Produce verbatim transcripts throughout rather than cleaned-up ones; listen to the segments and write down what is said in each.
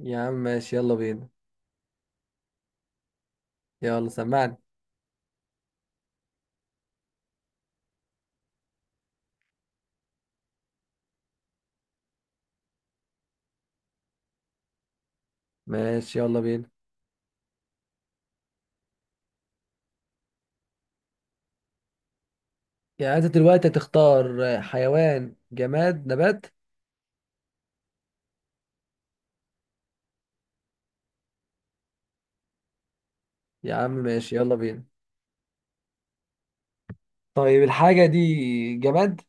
يا عم، ماشي، يلا بينا. يلا سمعني. ماشي، يلا بينا. يعني انت دلوقتي هتختار حيوان، جماد، نبات؟ يا عم، ماشي، يلا بينا. طيب، الحاجة دي جماد؟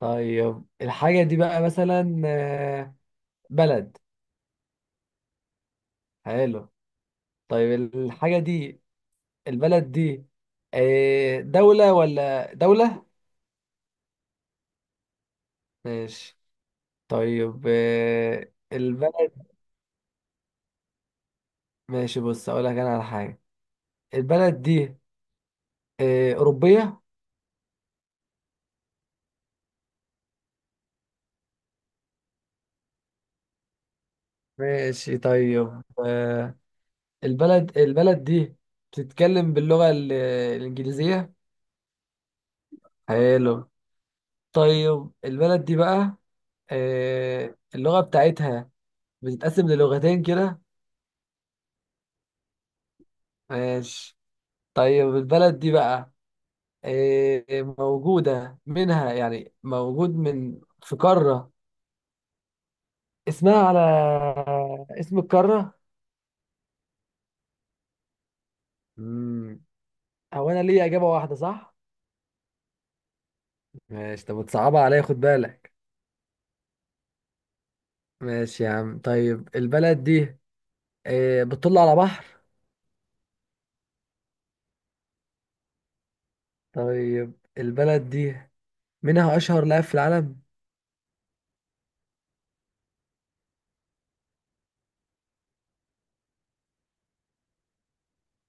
طيب، الحاجة دي بقى مثلا آه، بلد. حلو. طيب، الحاجة دي، البلد دي آه، دولة ولا دولة؟ ماشي. طيب، آه، البلد. ماشي، بص اقول لك انا على حاجة. البلد دي آه، أوروبية؟ ماشي. طيب، آه، البلد البلد دي بتتكلم باللغة ال- الإنجليزية؟ حلو. طيب، البلد دي بقى آه، اللغة بتاعتها بتتقسم للغتين كده؟ ماشي. طيب، البلد دي بقى آه، موجودة منها، يعني موجود من في قارة اسمها على اسم القارة؟ مم. هو أنا ليا إجابة واحدة، صح؟ ماشي. طب بتصعبها عليا، خد بالك. ماشي يا عم. طيب، البلد دي آه، بتطل على بحر؟ طيب، البلد دي منها أشهر لاعب في العالم؟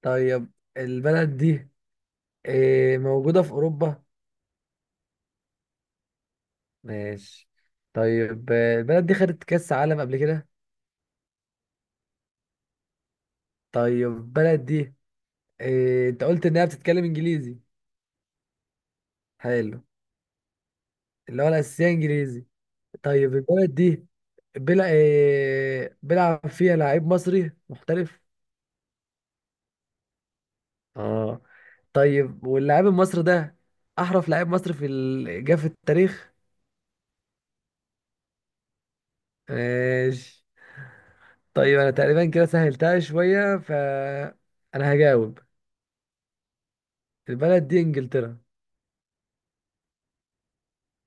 طيب، البلد دي آه، موجودة في أوروبا؟ ماشي. طيب، آه، البلد دي خدت كأس عالم قبل كده؟ طيب، البلد دي آه، أنت قلت إنها بتتكلم إنجليزي. حلو. اللي هو الأساسية إنجليزي. طيب، البلد دي بيلع- آه، بيلعب فيها لعيب مصري محترف؟ اه. طيب، واللاعب المصري ده احرف لاعب مصري في ال... جه في التاريخ؟ ماشي. طيب، انا تقريبا كده سهلتها شويه، ف انا هجاوب. البلد دي انجلترا.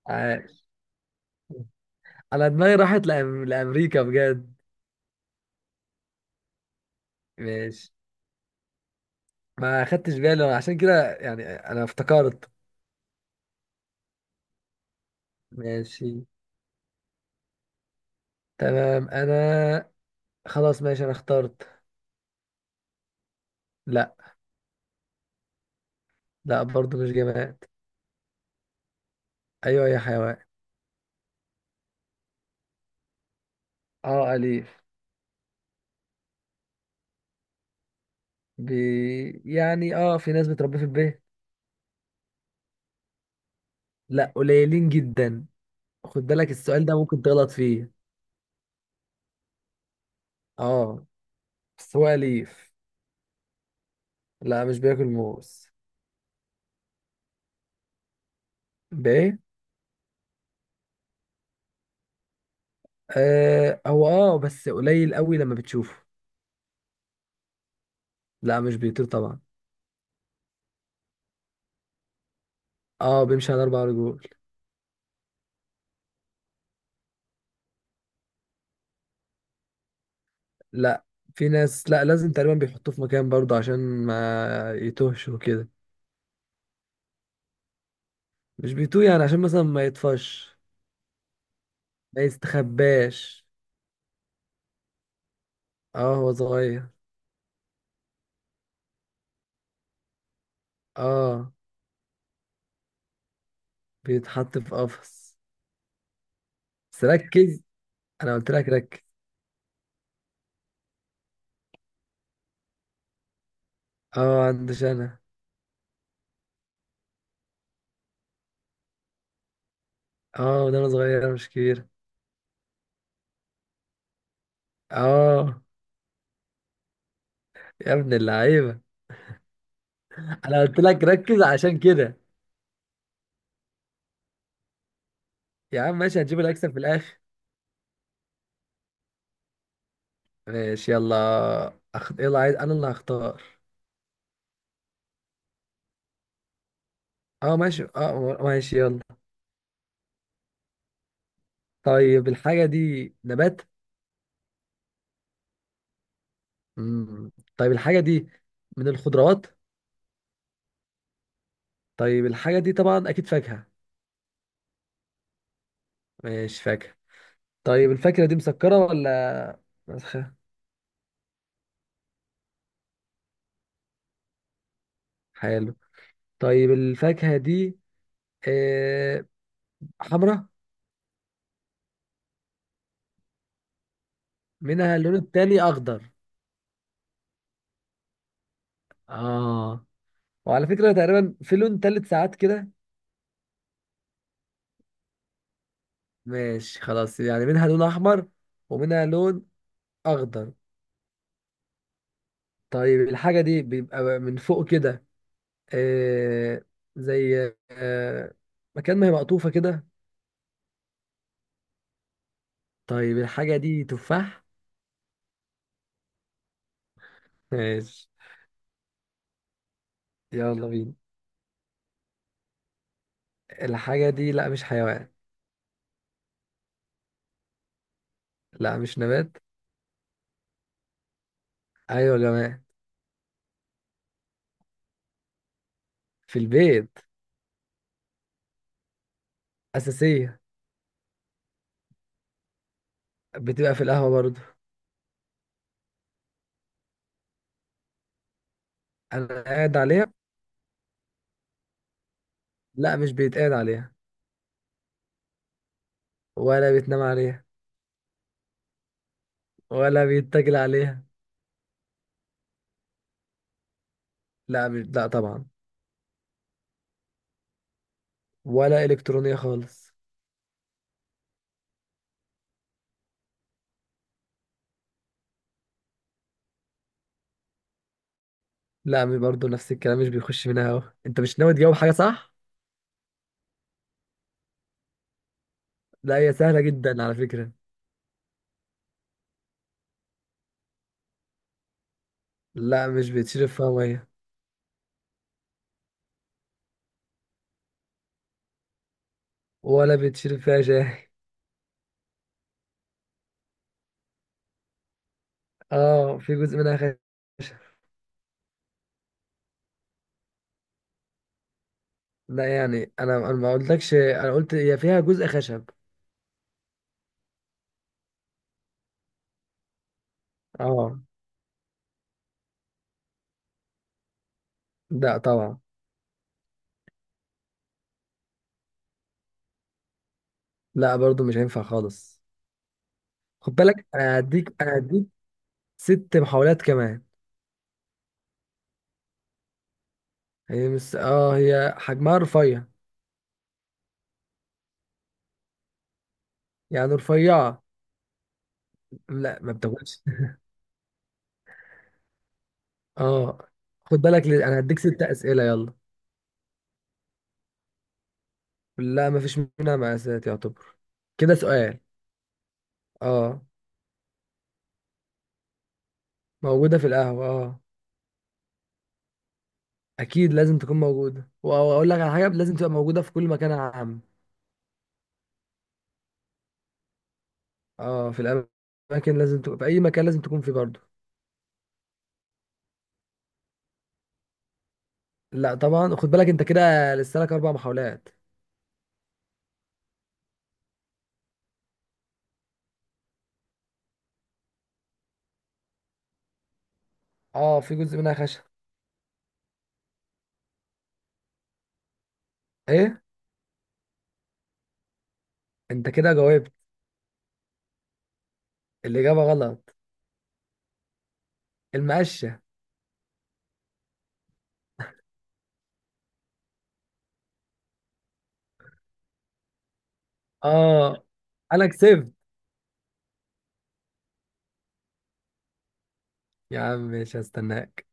عاش. انا دماغي راحت لأم... لامريكا بجد. ماشي. ما خدتش بالي أنا عشان كده، يعني انا افتكرت. ماشي، تمام. انا خلاص. ماشي، انا اخترت. لا. لا، برضو مش جماد. ايوه، يا حيوان. اه، اليف. بي... يعني اه في ناس بتربيه في البيت. لا، قليلين جدا. خد بالك، السؤال ده ممكن تغلط فيه. اه، بس هو أليف. لا، مش بياكل موز. بايه؟ آه، هو اه بس قليل قوي لما بتشوفه. لا، مش بيطير طبعا. اه، بيمشي على اربع رجول. لا، في ناس، لا، لازم تقريبا بيحطوه في مكان برضه عشان ما يتوهش وكده. مش بيتوه، يعني عشان مثلا ما يطفش. ما يستخباش. اه، هو صغير. اه، بيتحط في قفص. بس ركز. انا قلت لك ركز. اه، عندش انا. اه، ده انا صغير مش كبير. اه. يا ابن اللعيبه. انا قلت لك ركز عشان كده. يا عم، ماشي، هنجيب الاكسب في الاخر. ماشي، يلا. أخ... يلا، عايز انا اللي هختار. اه، ماشي، اه، ماشي، يلا. طيب، الحاجه دي نبات؟ مم. طيب، الحاجه دي من الخضروات؟ طيب، الحاجه دي طبعا اكيد فاكهه؟ ماشي، فاكهه. طيب، الفاكهه دي مسكره ولا مسخه؟ حلو. طيب، الفاكهه دي آه، حمراء؟ منها اللون التاني اخضر؟ اه. وعلى فكره، تقريبا في لون تالت ساعات كده. ماشي، خلاص. يعني منها لون احمر، ومنها لون اخضر. طيب، الحاجه دي بيبقى من فوق كده، آه زي آه مكان ما هي مقطوفه كده. طيب، الحاجه دي تفاح؟ ماشي. يلا بينا. الحاجه دي، لا، مش حيوان. لا، مش نبات. ايوه، يا جماعه. في البيت. اساسيه. بتبقى في القهوه برضو. انا قاعد عليها. لا، مش بيتقال عليها. ولا بيتنام عليها. ولا بيتاكل عليها. لا مش، لا طبعا. ولا إلكترونية خالص. لا، م- برضه نفس الكلام، مش بيخش منها هوا، انت مش ناوي تجاوب حاجة، صح؟ لا، هي سهلة جدا على فكرة. لا، مش بيتشرب فيها مية. ولا بيتشرب فيها شاي. اه، في جزء منها خشب. لا يعني انا انا ما قلتلكش، انا قلت هي فيها جزء خشب. اه. لا طبعا. لا، برضه مش هينفع خالص. خد بالك، انا هديك انا هديك ست محاولات كمان. هي مش اه هي حجمها رفيع. يعني رفيعة. لا، ما بتاكلش. اه. خد بالك، ل... انا هديك ست اسئلة، يلا. لا، ما فيش منها مقاسات يعتبر. كده سؤال. اه. موجودة في القهوة، اه. اكيد لازم تكون موجودة، واقول لك على حاجة لازم تبقى موجودة في كل مكان عام. اه، في الاماكن لازم تكون، في اي مكان لازم تكون فيه برضه. لا طبعا. خد بالك، انت كده لسه لك اربع محاولات. اه، في جزء منها خشب. ايه؟ انت كده جاوبت. الاجابة غلط. المقشة. اه. انا كسبت. يا عم، مش هستناك.